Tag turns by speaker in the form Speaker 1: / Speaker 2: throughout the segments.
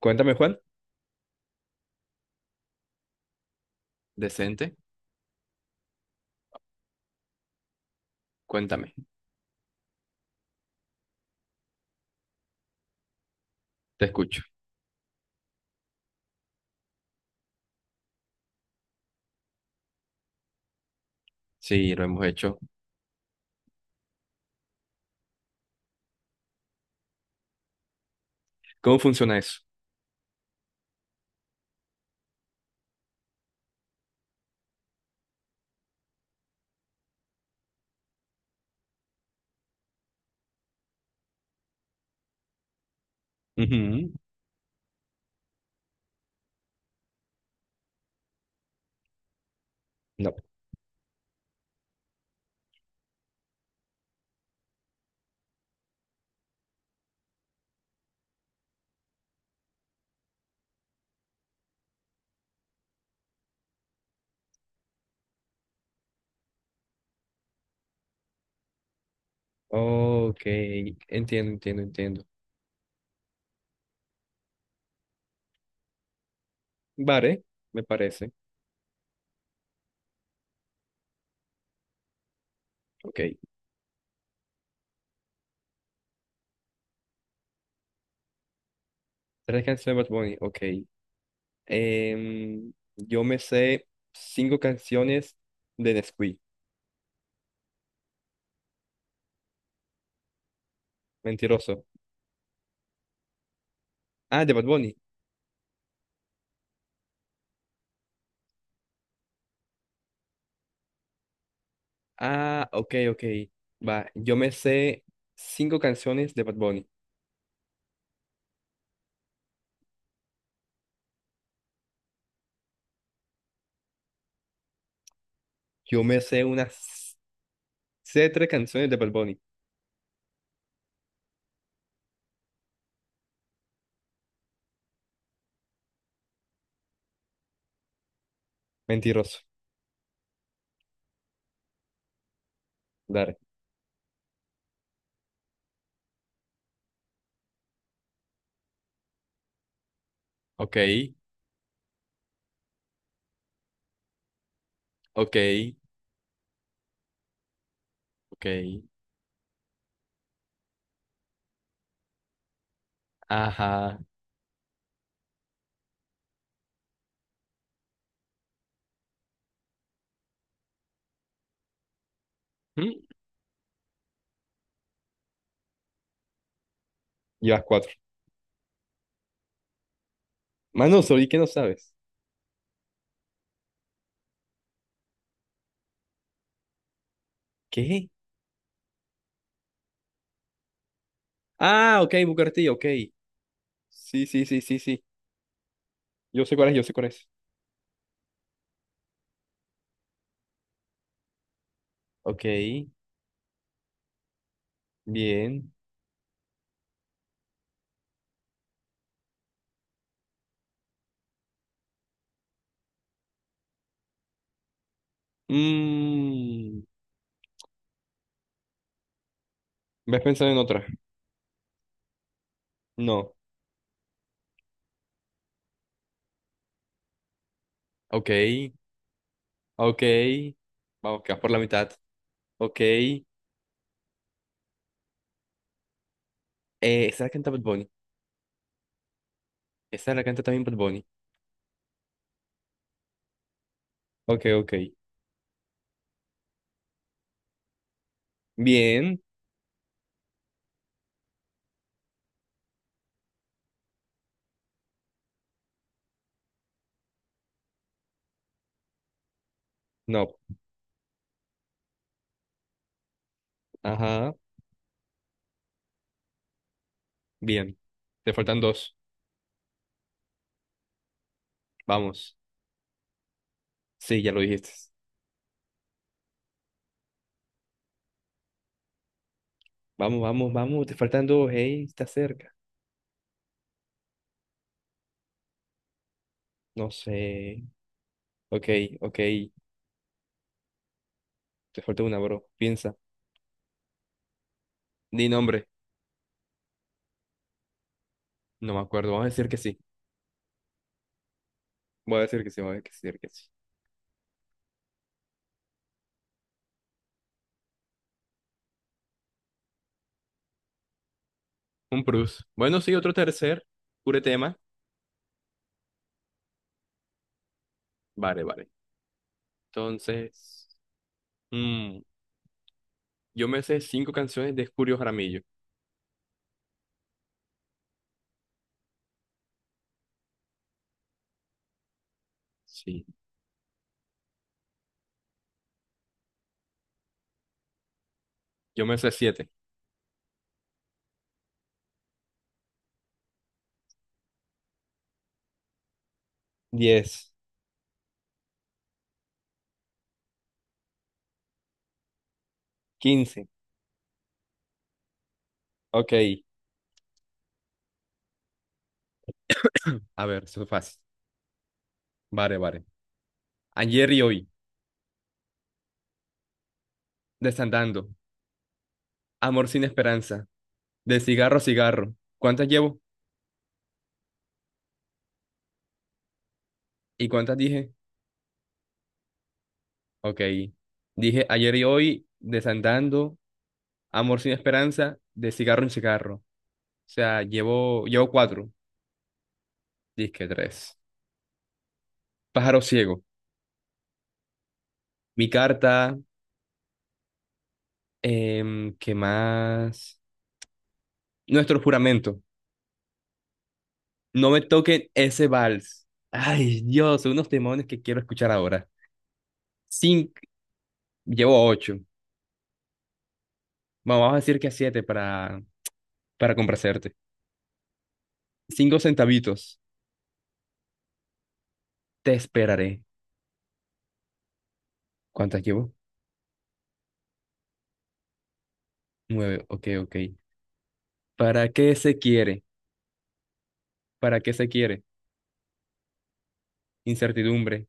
Speaker 1: Cuéntame, Juan. Decente. Cuéntame. Te escucho. Sí, lo hemos hecho. ¿Cómo funciona eso? Ujú, No. Ok. Entiendo, entiendo, entiendo. Vale, me parece. Ok. Tres canciones de Bad Bunny. Ok. Yo me sé cinco canciones de Nesquik. Mentiroso. Ah, de Bad Bunny. Ah, ok, ok. Va. Yo me sé cinco canciones de Bad Bunny. Yo me sé unas... Sé tres canciones de Bad Bunny. Mentiroso. Ok, ok, ok. Ajá. ¿Mm? Llevas cuatro. Mano, ¿sobre qué no sabes? ¿Qué? Ah, ok, Bucarty, ok. Sí, sí, sí, sí, sí. Yo sé cuál es, yo sé cuál es. Ok, bien. Mmm. ¿Ves pensando en otra? No. Ok, ok. Vamos, que vas por la mitad. Ok. Esa la canta Bad Bunny. Esa la canta también Bad Bunny. Ok, ok. Bien. No. Ajá. Bien. Te faltan dos. Vamos. Sí, ya lo dijiste. Vamos, vamos, vamos. Te faltan dos. Hey, está cerca. No sé. Ok, ok. Te falta una, bro. Piensa. Di nombre. No me acuerdo. Vamos a decir que sí. Voy a decir que sí, voy a decir que sí. Un Prus. Bueno, sí, otro tercer. Pure tema. Vale, vale. Entonces, mm, yo me sé cinco canciones de Escurio Jaramillo. Sí. Yo me sé siete. 10. 15. Ok. A ver, eso es fácil. Vale, vale. Ayer y hoy. Desandando. Amor sin esperanza. De cigarro a cigarro. ¿Cuántas llevo? ¿Y cuántas dije? Ok. Dije ayer y hoy, desandando, amor sin esperanza, de cigarro en cigarro. O sea, llevo cuatro, disque tres. Pájaro ciego, mi carta, ¿qué más? Nuestro juramento. No me toquen ese vals. Ay, Dios, son unos demonios que quiero escuchar ahora. Cinco, llevo ocho. Bueno, vamos a decir que a siete para complacerte. Cinco centavitos. Te esperaré. ¿Cuántas llevo? Nueve, ok, ok. ¿Para qué se quiere? ¿Para qué se quiere? Incertidumbre.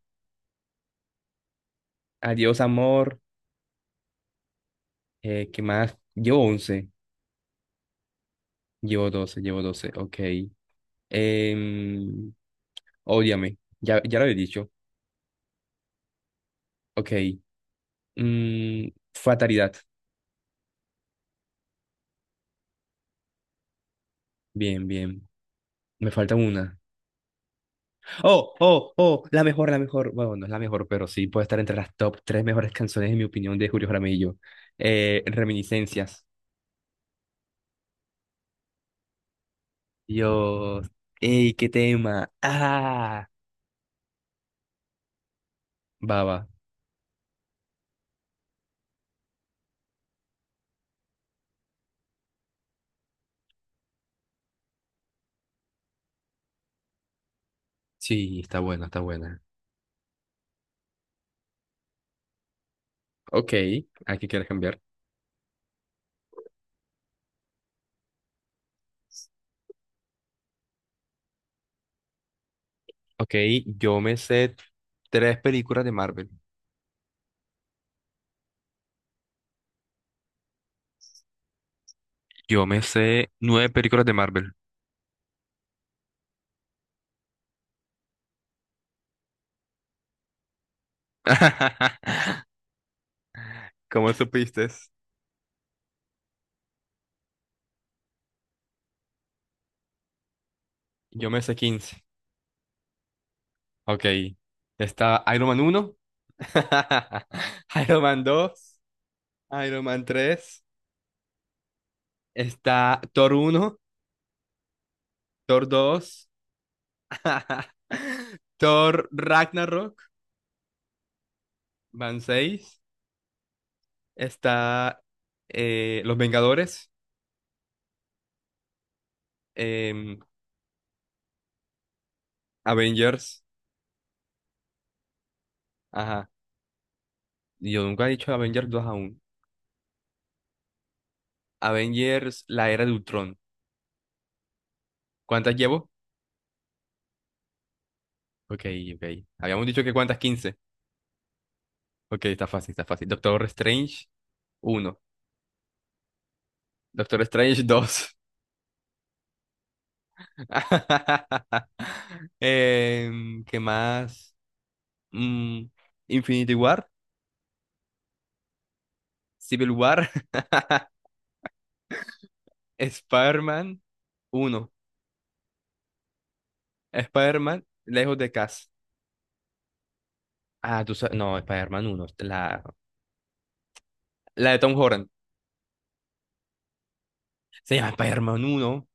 Speaker 1: Adiós, amor. ¿Qué más? Llevo 11. Llevo 12. Llevo 12. Ok. Em, ódiame. Ya, ya lo había dicho. Ok. Mm, fatalidad. Bien, bien. Me falta una. Oh, oh, oh. La mejor, la mejor. Bueno, no es la mejor, pero sí puede estar entre las top tres mejores canciones, en mi opinión, de Julio Jaramillo. Reminiscencias. Dios. ¡Ey, qué tema! ¡Ah! Baba. Sí, está buena, está buena. Ok, ¿a qué quieres cambiar? Ok, yo me sé tres películas de Marvel. Yo me sé nueve películas de Marvel. ¿Cómo supiste? Yo me sé 15. Ok, está Iron Man uno. Iron Man dos. Iron Man tres. Está Thor uno. Thor dos. Thor Ragnarok, van 6. Está Los Vengadores, em, Avengers, ajá. Yo nunca he dicho Avengers dos aún. Avengers, la era de Ultron. ¿Cuántas llevo? Ok, ok. Habíamos dicho que cuántas, 15. Ok, está fácil, está fácil. Doctor Strange, uno, Doctor Strange, 2. ¿Qué más? Mm, Infinity War, Civil War, Spider-Man, 1. Spider-Man, lejos de casa. Ah, tú sabes. No, Spider-Man 1. La de Tom Holland. Se llama Spider-Man 1.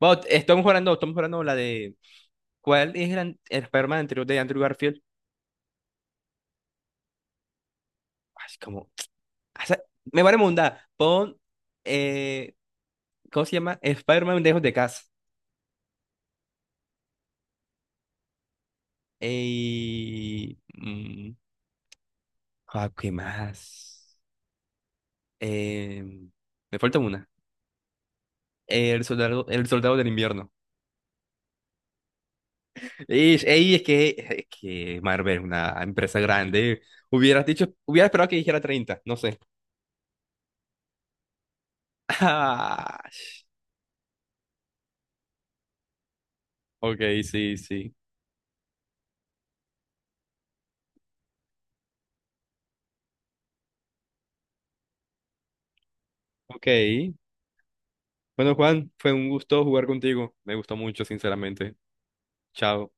Speaker 1: Bueno, estamos jugando la de. ¿Cuál es el Spider-Man anterior de Andrew Garfield? Así como. O sea, me vale mundar. Pon. eh, ¿Cómo se llama? Spider-Man lejos de casa. Y. Ah, ¿qué más? Eh, Me falta una. El soldado del invierno. Y, ey, es que Marvel es una empresa grande. Hubiera esperado que dijera 30 no sé. Ah, ok, sí, sí. Ok. Bueno, Juan, fue un gusto jugar contigo. Me gustó mucho, sinceramente. Chao.